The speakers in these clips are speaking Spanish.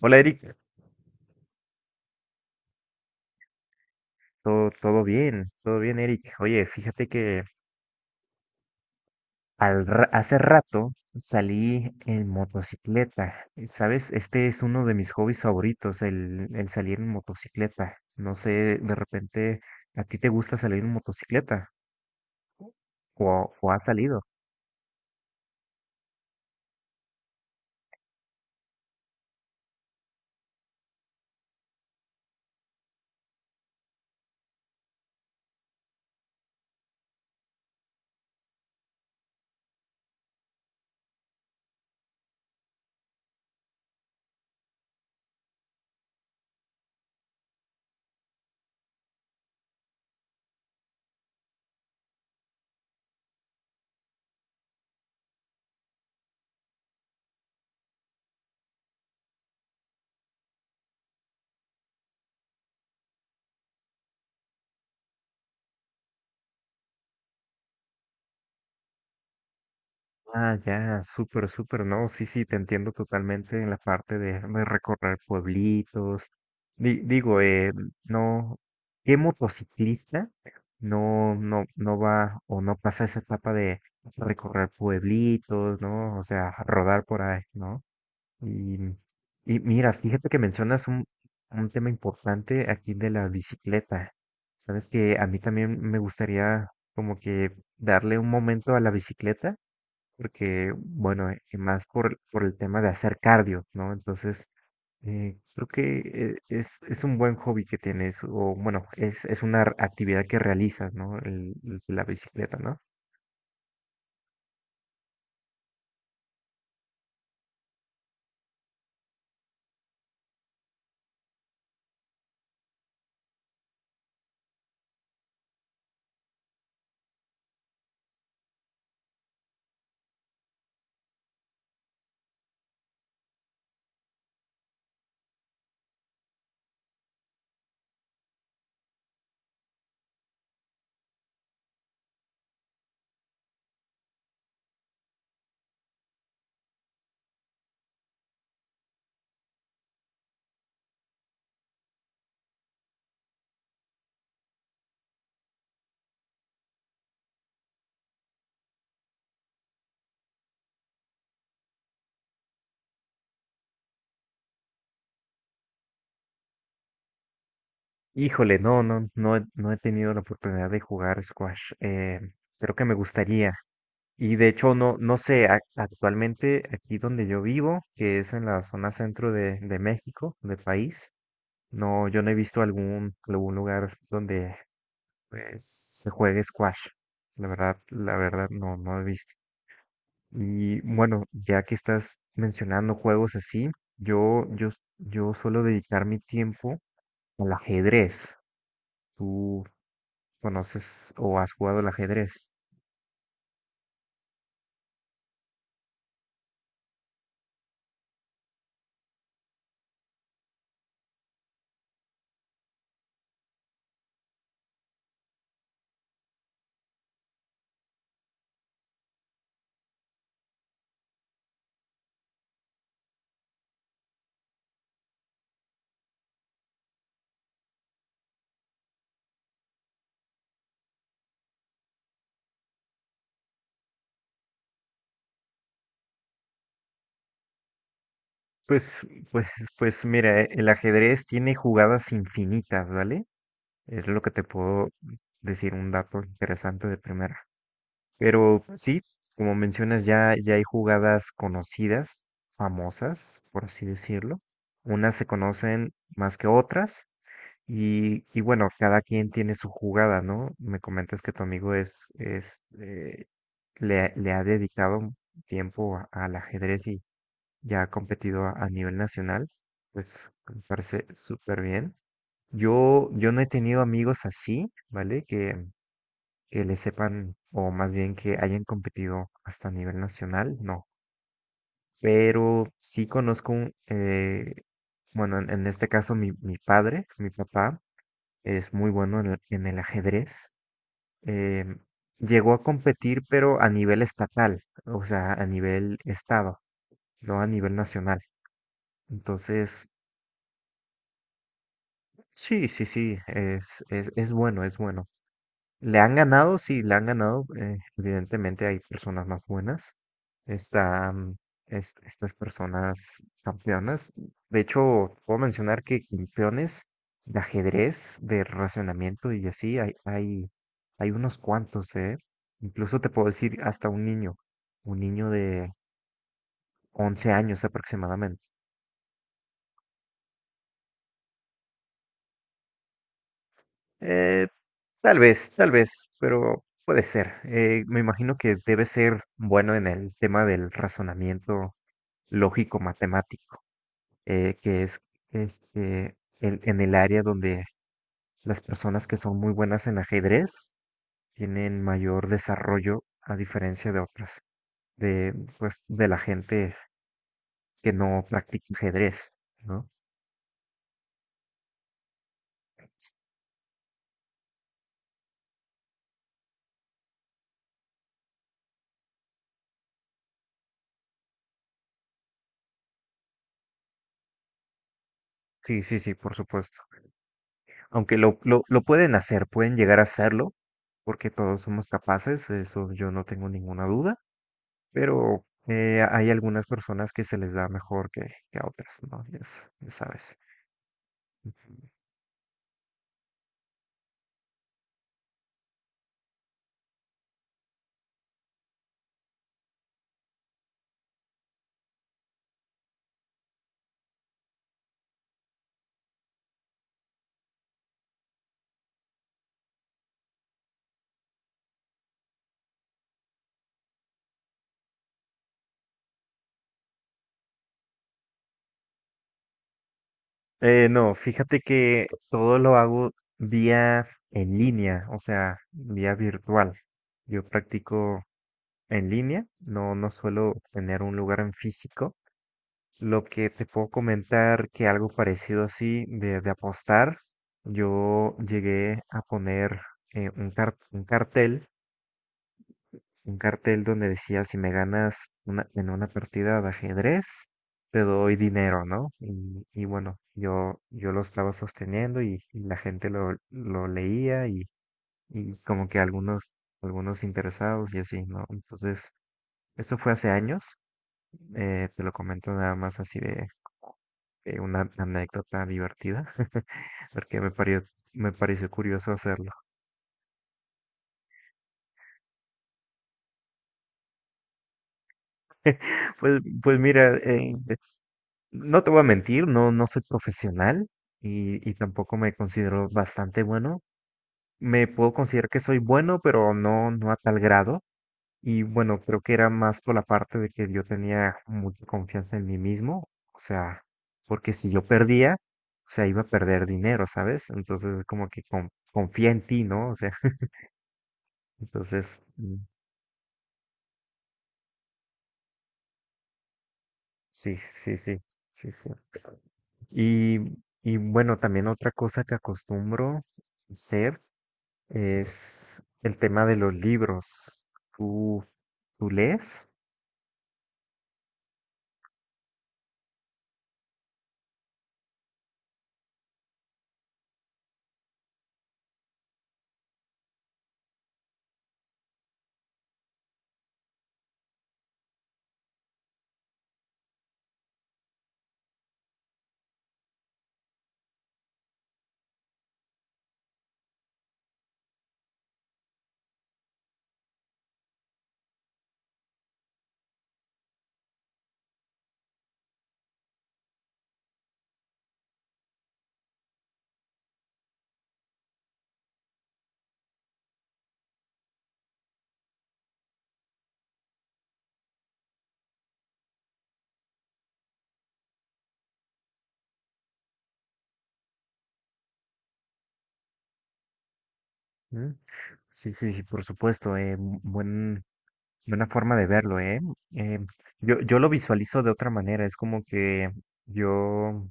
Hola Eric, todo bien, todo bien Eric. Oye, fíjate que hace rato salí en motocicleta. Y, ¿sabes? Este es uno de mis hobbies favoritos, el salir en motocicleta. No sé, de repente, ¿a ti te gusta salir en motocicleta? ¿O has salido? Ah, ya, súper, súper, no, sí, sí, te entiendo totalmente en la parte de recorrer pueblitos. Digo, no, ¿qué motociclista no va o no pasa esa etapa de recorrer pueblitos, ¿no? O sea, rodar por ahí, ¿no? Y, y mira, fíjate que mencionas un tema importante aquí de la bicicleta. Sabes que a mí también me gustaría como que darle un momento a la bicicleta porque, bueno, y más por el tema de hacer cardio, ¿no? Entonces, creo que es un buen hobby que tienes, o bueno, es una actividad que realizas, ¿no? La bicicleta, ¿no? Híjole, no he tenido la oportunidad de jugar squash. Creo que me gustaría. Y de hecho, no, no sé, actualmente aquí donde yo vivo, que es en la zona centro de México, del país, no, yo no he visto algún, algún lugar donde pues se juegue squash. La verdad no, no he visto. Y bueno, ya que estás mencionando juegos así, yo, yo, yo suelo dedicar mi tiempo al ajedrez. ¿Tú conoces o has jugado al ajedrez? Pues, pues, pues mira, el ajedrez tiene jugadas infinitas, ¿vale? Es lo que te puedo decir un dato interesante de primera. Pero sí, como mencionas, ya hay jugadas conocidas, famosas, por así decirlo. Unas se conocen más que otras y bueno, cada quien tiene su jugada, ¿no? Me comentas que tu amigo es le ha dedicado un tiempo al ajedrez y ya ha competido a nivel nacional, pues me parece súper bien. Yo no he tenido amigos así, ¿vale? Que le sepan, o más bien que hayan competido hasta a nivel nacional, no. Pero sí conozco, un, bueno, en este caso mi, mi padre, mi papá, es muy bueno en el ajedrez. eh, Llegó a competir, pero a nivel estatal, o sea, a nivel estado, no a nivel nacional. Entonces, sí, sí, sí, es bueno, es bueno. Le han ganado, sí, le han ganado. Evidentemente hay personas más buenas. Están estas personas campeonas. De hecho, puedo mencionar que campeones de ajedrez, de racionamiento y así, hay unos cuantos, ¿eh? Incluso te puedo decir hasta un niño de 11 años aproximadamente. Eh, Tal vez, tal vez, pero puede ser. Me imagino que debe ser bueno en el tema del razonamiento lógico-matemático, que es este, en el área donde las personas que son muy buenas en ajedrez tienen mayor desarrollo a diferencia de otras, de, pues, de la gente que no practica ajedrez, ¿no? Sí, sí, sí, por supuesto. Aunque lo pueden hacer, pueden llegar a hacerlo, porque todos somos capaces, eso yo no tengo ninguna duda, pero hay algunas personas que se les da mejor que a otras, ¿no? Ya sabes. No, fíjate que todo lo hago vía en línea, o sea, vía virtual. Yo practico en línea, no, no suelo tener un lugar en físico. Lo que te puedo comentar que algo parecido así de apostar, yo llegué a poner eh, un car- un cartel un cartel donde decía, si me ganas una, en una partida de ajedrez, te doy dinero, ¿no? Y bueno, yo lo estaba sosteniendo y la gente lo leía y como que algunos, algunos interesados y así, ¿no? Entonces, eso fue hace años, te lo comento nada más así de una anécdota divertida, porque me pareció curioso hacerlo. Pues mira, no te voy a mentir, no, no soy profesional y tampoco me considero bastante bueno. Me puedo considerar que soy bueno, pero no, no a tal grado. Y bueno, creo que era más por la parte de que yo tenía mucha confianza en mí mismo. O sea, porque si yo perdía, o sea, iba a perder dinero, ¿sabes? Entonces, como que confía en ti, ¿no? O sea, entonces, sí, sí, sí, sí, sí. Y, y bueno, también otra cosa que acostumbro hacer. Es el tema de los libros. ¿Tú, tú lees? ¿Mm? Sí, sí, sí, por supuesto. Buen, buena forma de verlo, ¿eh? Eh, yo lo visualizo de otra manera. Es como que yo,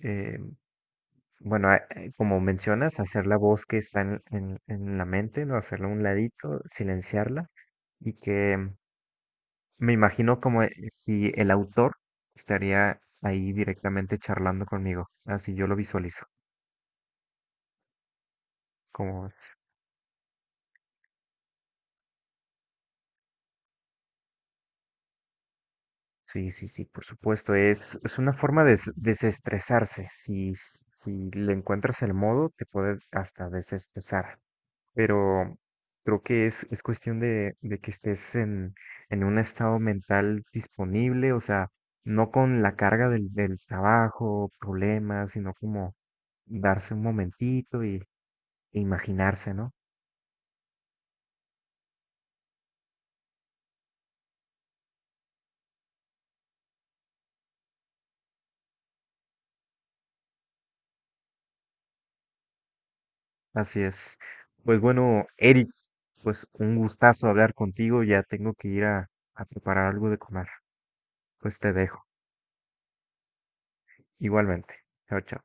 eh, bueno, como mencionas, hacer la voz que está en la mente, ¿no? Hacerla a un ladito, silenciarla y que me imagino como si el autor estaría ahí directamente charlando conmigo. Así yo lo visualizo. Como, sí, sí, sí, por supuesto. Es una forma de desestresarse. Si, si le encuentras el modo, te puede hasta desestresar. Pero creo que es cuestión de que estés en un estado mental disponible, o sea, no con la carga del, del trabajo, problemas, sino como darse un momentito y e imaginarse, ¿no? Así es. Pues bueno, Eric, pues un gustazo hablar contigo. Ya tengo que ir a preparar algo de comer. Pues te dejo. Igualmente. Chao, chao.